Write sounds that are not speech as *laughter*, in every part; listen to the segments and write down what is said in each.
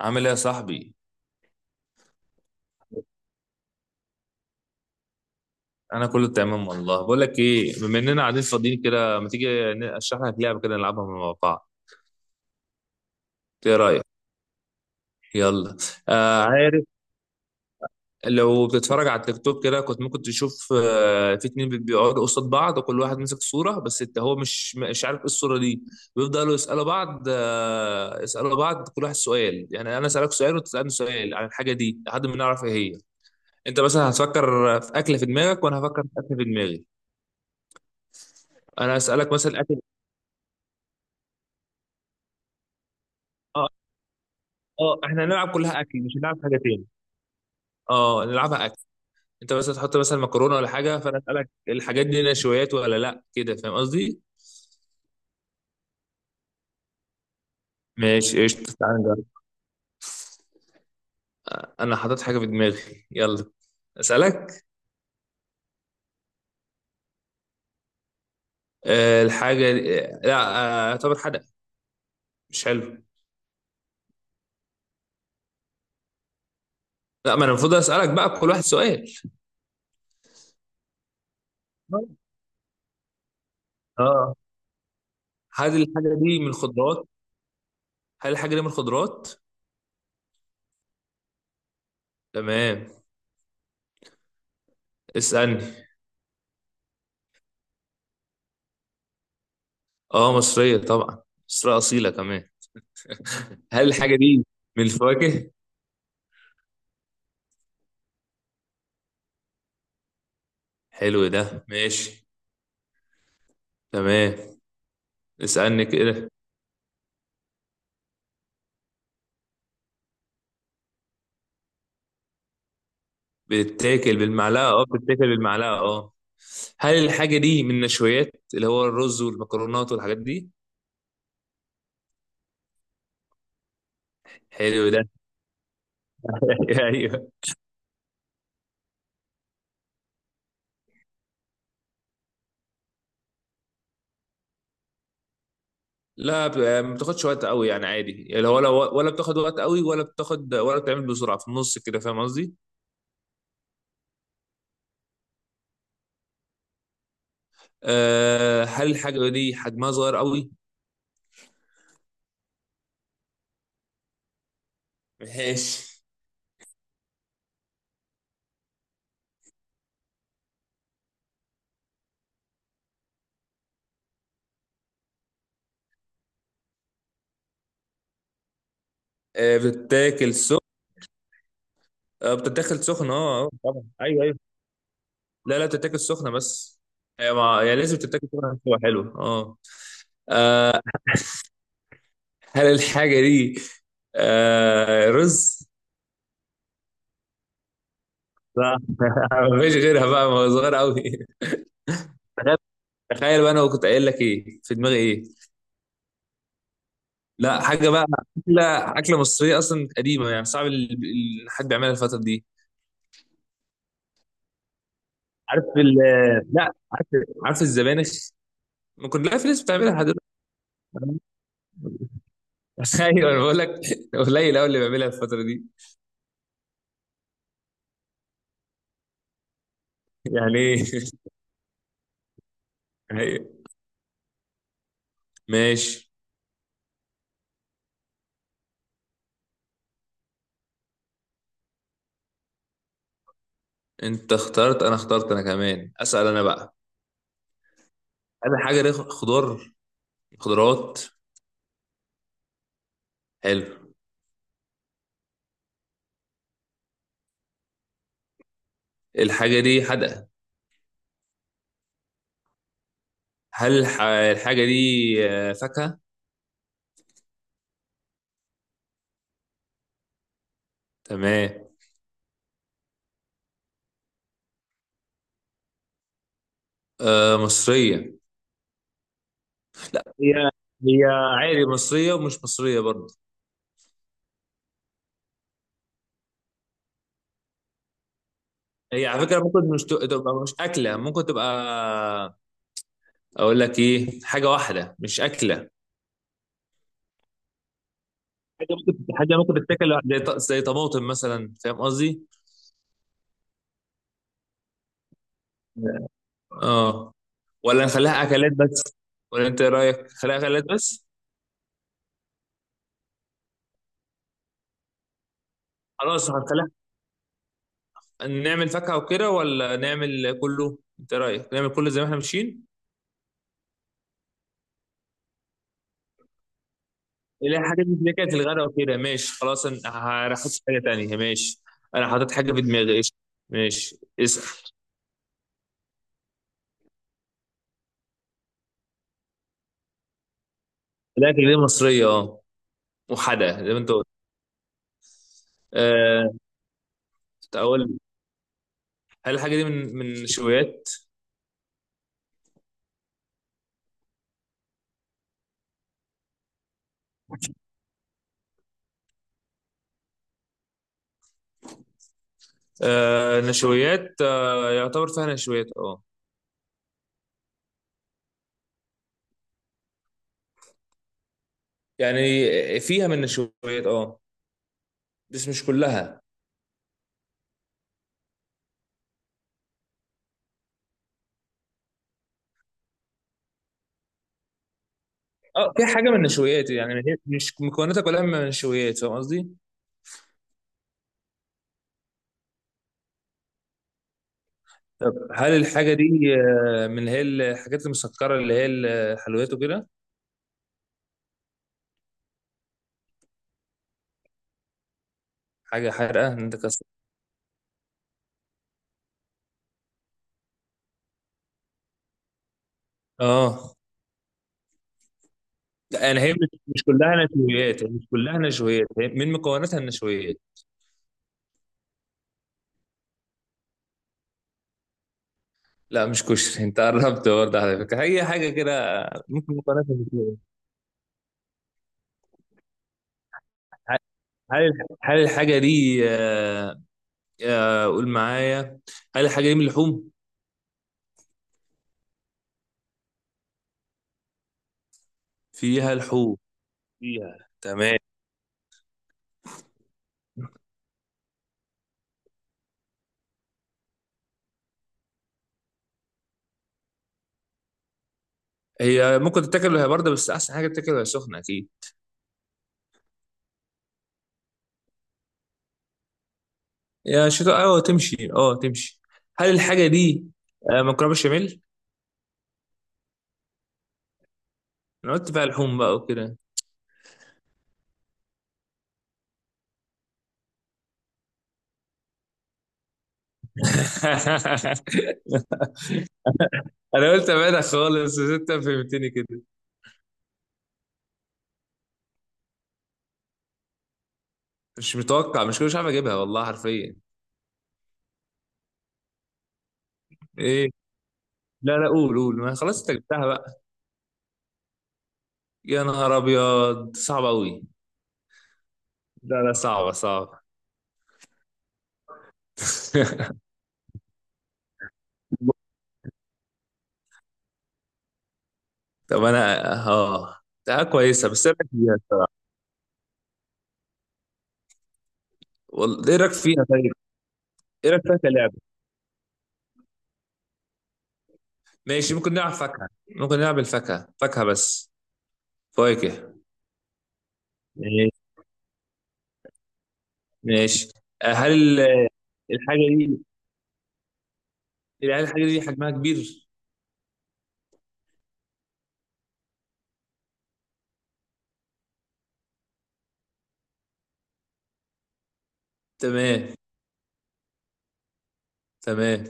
عامل ايه يا صاحبي؟ انا كله تمام والله. بقول لك ايه، بما اننا قاعدين فاضيين كده، ما تيجي اشرح لك لعبه كده نلعبها مع بعض؟ ايه رايك؟ يلا. آه عارف، لو بتتفرج على التيك توك كده كنت ممكن تشوف في اتنين بيقعدوا قصاد بعض، وكل واحد ماسك صوره بس انت هو مش عارف ايه الصوره دي. بيفضلوا يسالوا بعض، يسالوا بعض، كل واحد سؤال. يعني انا اسالك سؤال وتسالني سؤال عن الحاجه دي لحد ما نعرف ايه هي. انت مثلا هتفكر في اكله في دماغك وانا هفكر في اكله في دماغي. انا اسالك مثلا اكل. اه احنا هنلعب كلها اكل، مش هنلعب حاجه تاني. اه نلعبها اكل. انت مثلا تحط مثلا مكرونه ولا حاجه، فانا اسالك الحاجات دي نشويات ولا لا، كده فاهم قصدي؟ ماشي قشطة، تعالى نجرب. انا حاطط حاجه في دماغي، يلا اسالك. آه الحاجه دي- آه لا. اعتبر حدق. مش حلو. لا، ما انا المفروض اسالك بقى كل واحد سؤال. اه. هل الحاجه دي من الخضروات؟ هل الحاجه دي من الخضروات؟ تمام، اسالني. اه مصريه طبعا، مصريه اصيله كمان. *laughs* هل الحاجه دي من الفواكه؟ حلو ده، ماشي. تمام، اسألني كده. بتتاكل بالمعلقة اه، بتتاكل بالمعلقة اه. هل الحاجة دي من النشويات اللي هو الرز والمكرونات والحاجات دي؟ حلو ده. *laughs* ايوه. لا ب- ما بتاخدش وقت قوي يعني، عادي يعني، ولا بتاخد وقت قوي ولا بتاخد ولا بتعمل بسرعة في النص، كده فاهم قصدي؟ أه، هل الحاجة دي حجمها صغير قوي؟ ماشي. أه بتتاكل سخن، أه بتتاكل سخن اه، طبعا ايوه أيوه. لا لا بتتاكل سخنه بس. هي لازم تتاكل سخنه عشان تبقى حلوه اه. آه، هل الحاجه دي رز؟ لا. *laughs* مفيش غيرها بقى ما هو صغير قوي. *laughs* تخيل، تخيل بقى انا كنت قايل لك ايه في دماغي ايه. لا حاجه بقى. اكله، اكله مصريه اصلا قديمه، يعني صعب حد بيعملها الفتره دي. عارف ال لا. عارف عارف الزبانخ، ما كلها في ناس بتعملها لحد دلوقتي. *laughs* ايوه انا بقول لك، قليل قوي اللي بيعملها الفتره دي. يعني *laughs* ايه؟ أيوة. ماشي. انت اخترت، انا اخترت، انا كمان اسال انا بقى. هل الحاجه دي خضار، خضروات؟ حلو. الحاجه دي حدقه. الحاجه دي فاكهه؟ تمام. آه مصريه. هي هي عادي مصريه ومش مصريه برضه. هي على فكره ممكن مش ت- تبقى مش اكله، ممكن تبقى. اقول لك ايه، حاجه واحده مش اكله. حاجه ممكن تتاكل لوحدها، زي طماطم مثلا، فاهم قصدي؟ اه. ولا نخليها اكلات بس، ولا انت ايه رايك نخليها اكلات بس؟ خلاص هنخليها. نعمل فاكهة وكده ولا نعمل كله؟ انت رايك نعمل كله زي ما احنا ماشيين. اللي هي حاجات اللي كانت الغداء وكده، ماشي خلاص، انا هحط حاجة تانية، ماشي. انا حاطط حاجة في دماغي، قشطة. ماشي اسأل. الاكل دي مصرية اه. وحدة زي ما انت قلت. أه اقول لك، هل الحاجة دي من نشويات؟ أه نشويات، أه يعتبر فيها نشويات اه. يعني فيها من نشويات اه. بس مش كلها. اه في حاجه من النشويات يعني، هي مش مكوناتها كلها من النشويات، فاهم قصدي؟ طب هل الحاجه دي من اللي هي الحاجات المسكره اللي هي الحلويات وكده؟ حاجه حادقه، انت كسر. اه لا، يعني هي مش كلها نشويات، هي مش كلها نشويات، هي من مكوناتها النشويات. لا مش كشري، *laughs* انت قربت برضه على فكره، هي حاجه كده ممكن مكوناتها نشويات. هل هل الحاجه دي قول معايا، هل الحاجه دي من اللحوم؟ فيها لحوم، فيها، تمام. هي ممكن تتاكل وهي بارده، بس احسن حاجه تتاكل وهي سخنه اكيد. يا شتاء اه، تمشي، اه تمشي. هل الحاجه دي مكرونه بشاميل؟ انا قلت بقى لحوم بقى وكده. *laughs* انا قلت ابعدها خالص بس انت فهمتني كده. مش متوقع، مش كده، مش عارف اجيبها والله حرفيا. ايه؟ لا لا، قول قول، ما خلاص انت جبتها بقى. يا نهار ابيض، صعبه قوي. لا لا صعبه صعبه. *laughs* طب انا اه ده كويسه، بس ايه رايك فيها الصراحه؟ والله ايه رايك فيها طيب؟ ايه رايك فيها كلعبه؟ ماشي، ممكن نلعب فاكهة. ممكن نلعب الفاكهة، فاكهة بس. فواكه. ماشي ماشي. آه، هل ال- الحاجة دي، هل الحاجة دي حجمها كبير؟ تمام تمام.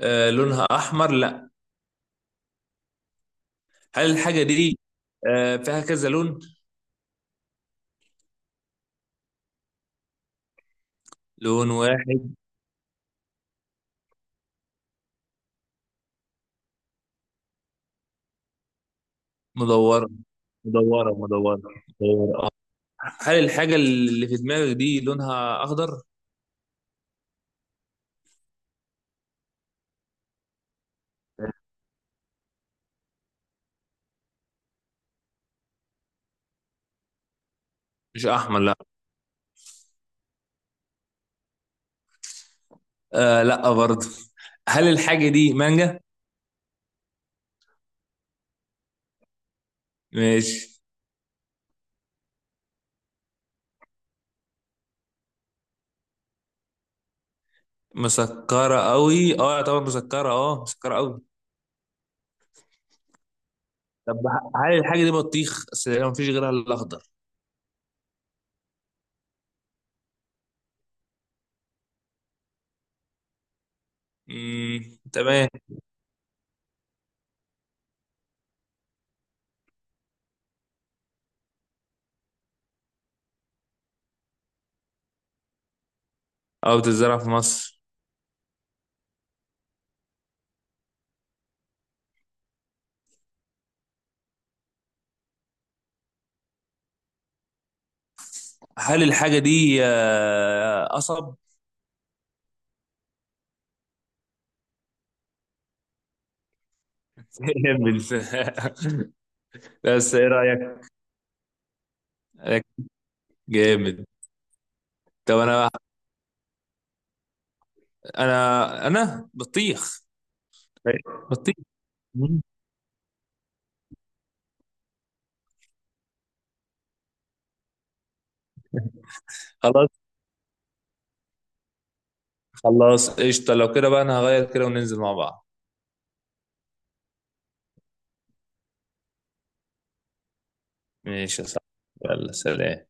آه لونها أحمر؟ لا. هل الحاجة دي فيها كذا لون؟ لون واحد. مدورة مدورة مدورة مدورة آه. هل الحاجة اللي في دماغك دي لونها أخضر؟ مش أحمر لا. آه لا برضه. هل الحاجة دي مانجا؟ ماشي. مسكرة قوي اه طبعا، مسكرة اه، مسكرة قوي. طب هل الحاجة دي بطيخ؟ اصل ما فيش غيرها الا الاخضر. تمام. اه بتتزرع في مصر. هل الحاجة دي قصب؟ *laughs* جامد. *laughs* بس ايه رأيك؟ جامد. طب انا، انا بطيخ. بطيخ. مم. خلاص خلاص قشطة، لو كده بقى انا هغير كده وننزل مع بعض. ماشي يا صاحبي، يلا سلام.